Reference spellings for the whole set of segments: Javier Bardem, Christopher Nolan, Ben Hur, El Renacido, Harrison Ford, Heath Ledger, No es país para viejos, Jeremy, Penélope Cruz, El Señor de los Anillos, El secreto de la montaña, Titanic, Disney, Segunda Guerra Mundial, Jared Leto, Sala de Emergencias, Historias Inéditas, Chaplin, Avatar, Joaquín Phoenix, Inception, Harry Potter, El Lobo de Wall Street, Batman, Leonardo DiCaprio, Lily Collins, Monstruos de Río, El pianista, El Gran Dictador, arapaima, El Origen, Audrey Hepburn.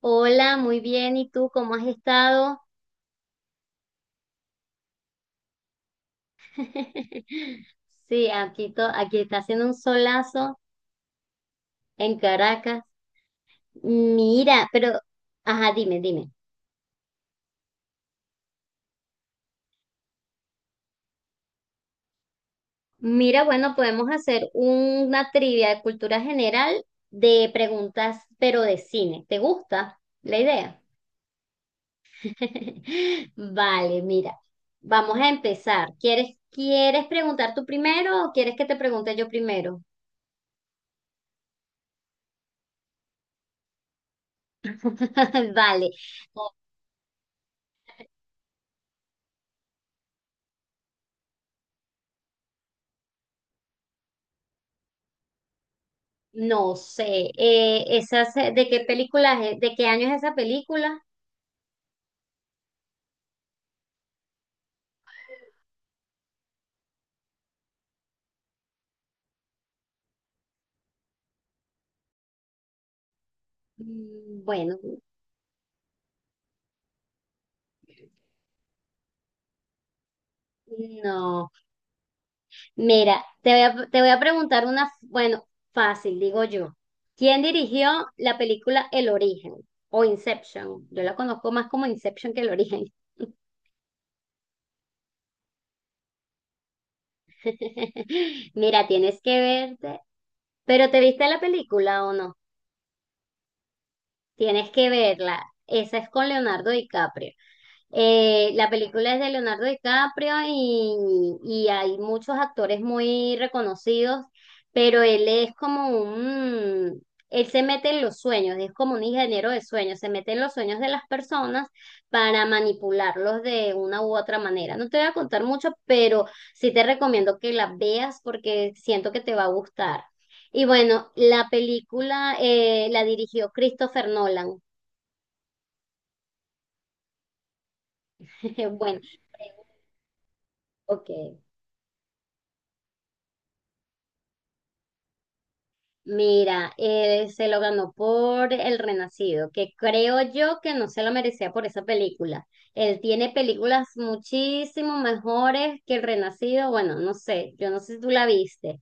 Hola, muy bien. ¿Y tú cómo has estado? Sí, aquí, aquí está haciendo un solazo en Caracas. Mira, pero, ajá, dime. Mira, bueno, podemos hacer una trivia de cultura general de preguntas, pero de cine. ¿Te gusta la idea? Vale, mira, vamos a empezar. ¿Quieres preguntar tú primero o quieres que te pregunte yo primero? Vale. No sé, esas, ¿de qué película, de qué año es esa película? Bueno, no. Mira, te voy a preguntar una, bueno, fácil, digo yo. ¿Quién dirigió la película El Origen o Inception? Yo la conozco más como Inception que El Origen. Mira, tienes que verte, pero ¿te viste la película o no? Tienes que verla. Esa es con Leonardo DiCaprio. La película es de Leonardo DiCaprio y hay muchos actores muy reconocidos, pero él es como un, él se mete en los sueños, es como un ingeniero de sueños, se mete en los sueños de las personas para manipularlos de una u otra manera. No te voy a contar mucho, pero sí te recomiendo que la veas porque siento que te va a gustar. Y bueno, la película la dirigió Christopher Nolan. Bueno, ok. Mira, se lo ganó por El Renacido, que creo yo que no se lo merecía por esa película. Él tiene películas muchísimo mejores que El Renacido. Bueno, no sé, yo no sé si tú la viste.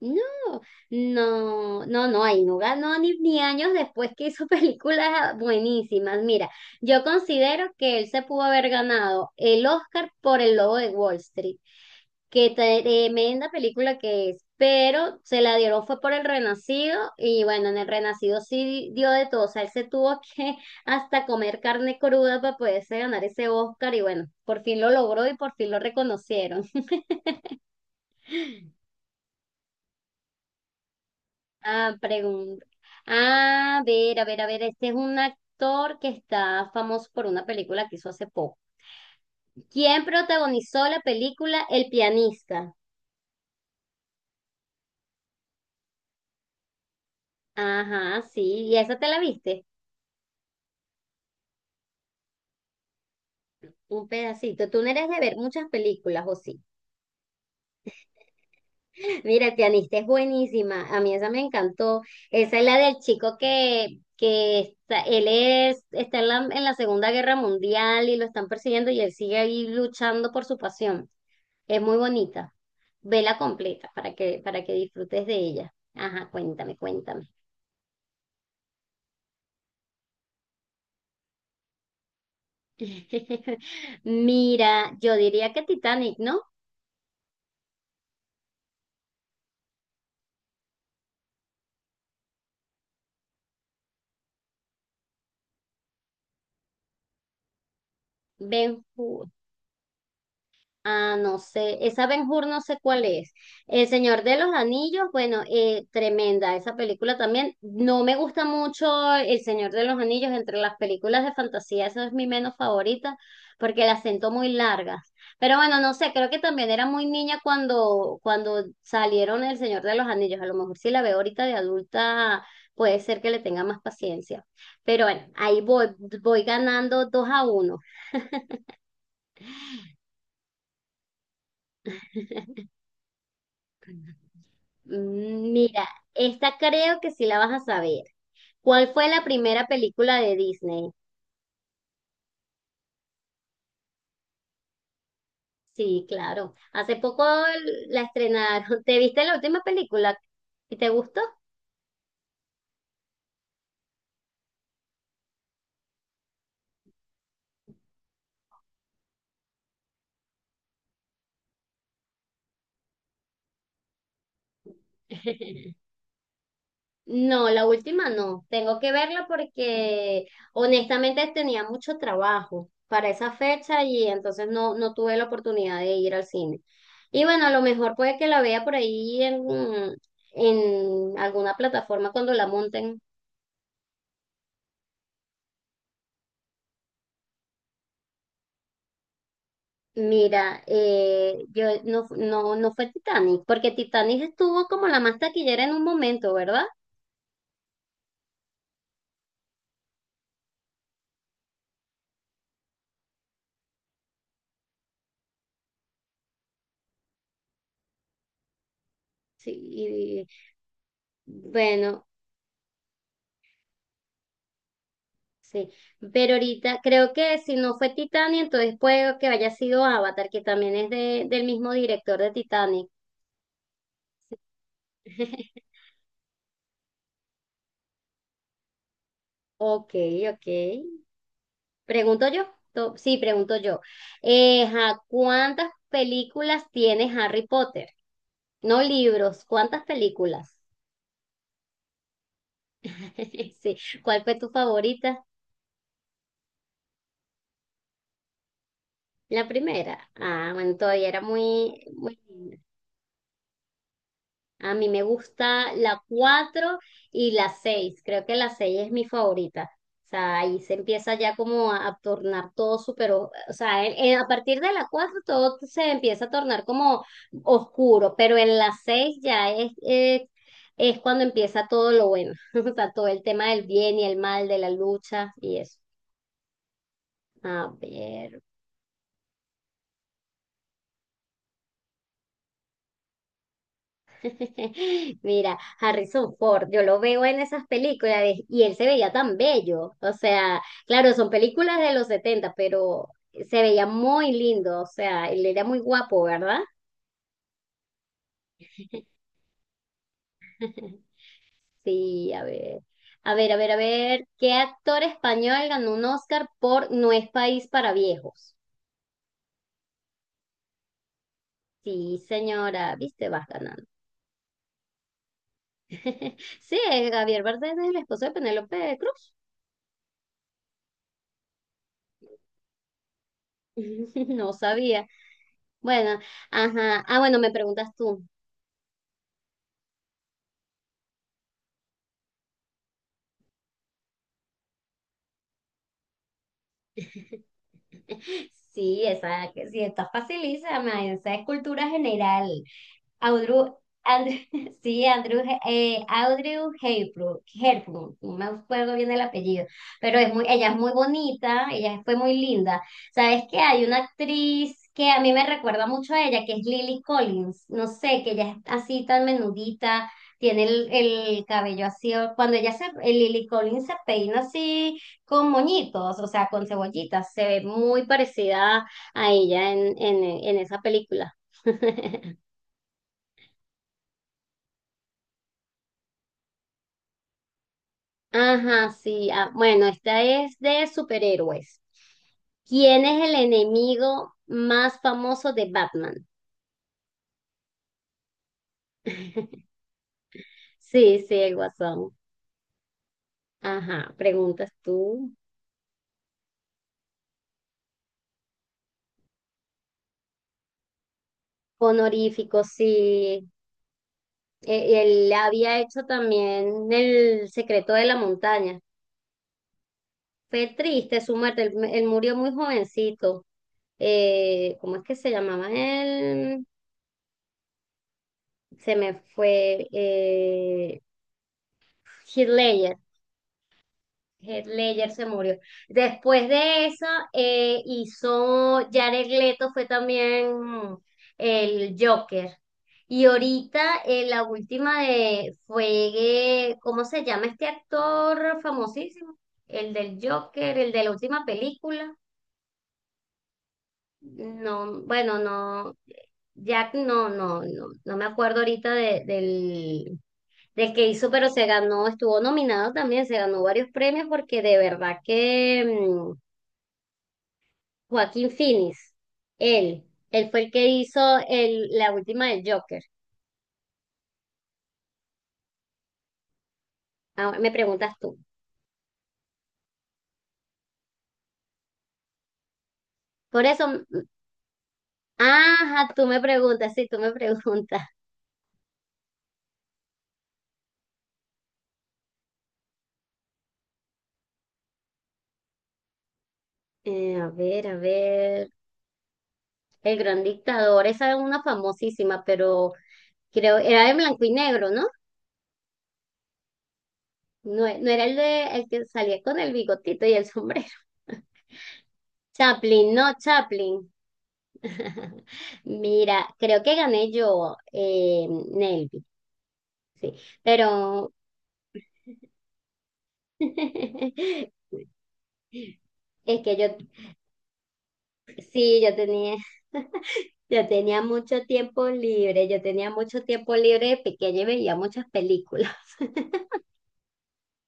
No, no, no, no, ahí no ganó ni años después que hizo películas buenísimas. Mira, yo considero que él se pudo haber ganado el Oscar por El Lobo de Wall Street. Qué tremenda película que es, pero se la dieron fue por El Renacido y bueno, en El Renacido sí dio de todo, o sea, él se tuvo que hasta comer carne cruda para poderse ganar ese Oscar y bueno, por fin lo logró y por fin lo reconocieron. Ah, pregunta. Ah, a ver, a ver, a ver, este es un actor que está famoso por una película que hizo hace poco. ¿Quién protagonizó la película El pianista? Ajá, sí, ¿y esa te la viste? Un pedacito. Tú no eres de ver muchas películas, ¿o sí? Mira, el pianista es buenísima. A mí esa me encantó. Esa es la del chico que está, él es, está en la Segunda Guerra Mundial y lo están persiguiendo y él sigue ahí luchando por su pasión. Es muy bonita. Vela completa para que disfrutes de ella. Ajá, cuéntame. Mira, yo diría que Titanic, ¿no? Ben Ah, no sé, esa Ben Hur no sé cuál es. El Señor de los Anillos, bueno, tremenda esa película también. No me gusta mucho El Señor de los Anillos, entre las películas de fantasía, esa es mi menos favorita, porque las siento muy largas. Pero bueno, no sé, creo que también era muy niña cuando salieron El Señor de los Anillos. A lo mejor si la veo ahorita de adulta, puede ser que le tenga más paciencia. Pero bueno, ahí voy, voy ganando dos a uno. Mira, esta creo que sí la vas a saber. ¿Cuál fue la primera película de Disney? Sí, claro. Hace poco la estrenaron. ¿Te viste la última película? ¿Y te gustó? No, la última no. Tengo que verla porque honestamente tenía mucho trabajo para esa fecha y entonces no, no tuve la oportunidad de ir al cine. Y bueno, a lo mejor puede que la vea por ahí en alguna plataforma cuando la monten. Mira, yo no, no, no fue Titanic, porque Titanic estuvo como la más taquillera en un momento, ¿verdad? Sí, y- bueno, sí. Pero ahorita creo que si no fue Titanic, entonces puede que haya sido Avatar, que también es de, del mismo director de Titanic. Ok, ok. Pregunto yo. Sí, pregunto yo. Ajá, ¿cuántas películas tiene Harry Potter? No libros, ¿cuántas películas? Sí. ¿Cuál fue tu favorita? La primera. Ah, bueno, todavía era muy, muy linda. A mí me gusta la 4 y la 6. Creo que la 6 es mi favorita. O sea, ahí se empieza ya como a tornar todo súper, o sea, a partir de la 4 todo se empieza a tornar como oscuro, pero en la 6 ya es cuando empieza todo lo bueno. O sea, todo el tema del bien y el mal, de la lucha y eso. A ver. Mira, Harrison Ford, yo lo veo en esas y él se veía tan bello. O sea, claro, son películas de los 70, pero se veía muy lindo. O sea, él era muy guapo, ¿verdad? Sí, a ver. A ver, a ver, a ver. ¿Qué actor español ganó un Oscar por No es país para viejos? Sí, señora, viste, vas ganando. Sí, es Javier Bardem es el esposo de Penélope Cruz. No sabía. Bueno, ajá. Ah, bueno, me preguntas tú. Sí, esa, que sí, está facilísima, esa es cultura general. Audru, Andrew, sí, Andrew, Audrey Hepburn, Hepburn, no me acuerdo bien el apellido, pero es muy, ella es muy bonita, ella fue muy linda. ¿Sabes qué? Hay una actriz que a mí me recuerda mucho a ella, que es Lily Collins, no sé, que ella es así tan menudita, tiene el cabello así, cuando ella se, Lily Collins se peina así con moñitos, o sea, con cebollitas, se ve muy parecida a ella en en esa película. Ajá, sí. Ah, bueno, esta es de superhéroes. ¿Quién es el enemigo más famoso de Batman? Sí, sí, el Guasón. Ajá, preguntas tú. Honorífico, sí. Él había hecho también El secreto de la montaña. Fue triste su muerte, él murió muy jovencito. ¿Cómo es que se llamaba él? Se me fue. Heath Ledger. Heath Ledger se murió. Después de eso, hizo Jared Leto, fue también el Joker. Y ahorita la última de fue, ¿cómo se llama este actor famosísimo? El del Joker, el de la última película. No, bueno, no, Jack no, no, no, no me acuerdo ahorita del, del que hizo, pero se ganó, estuvo nominado también, se ganó varios premios porque de verdad que mm, Joaquín Phoenix, él, él fue el que hizo el, la última del Joker. Ahora me preguntas tú. Por eso, mm, ajá, tú me preguntas, sí, tú me preguntas. A ver, El Gran Dictador, esa es una famosísima, pero creo, era de blanco y negro, ¿no? No, no era el de el que salía con el bigotito y el sombrero. Chaplin, no Chaplin. Mira, creo que gané yo, Nelvi, sí. Pero es que yo, sí, yo tenía, yo tenía mucho tiempo libre, yo tenía mucho tiempo libre de pequeña y veía muchas películas.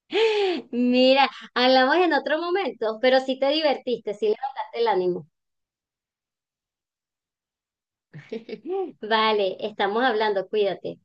Mira, hablamos en otro momento, pero sí te divertiste, sí levantaste el ánimo. Vale, estamos hablando, cuídate.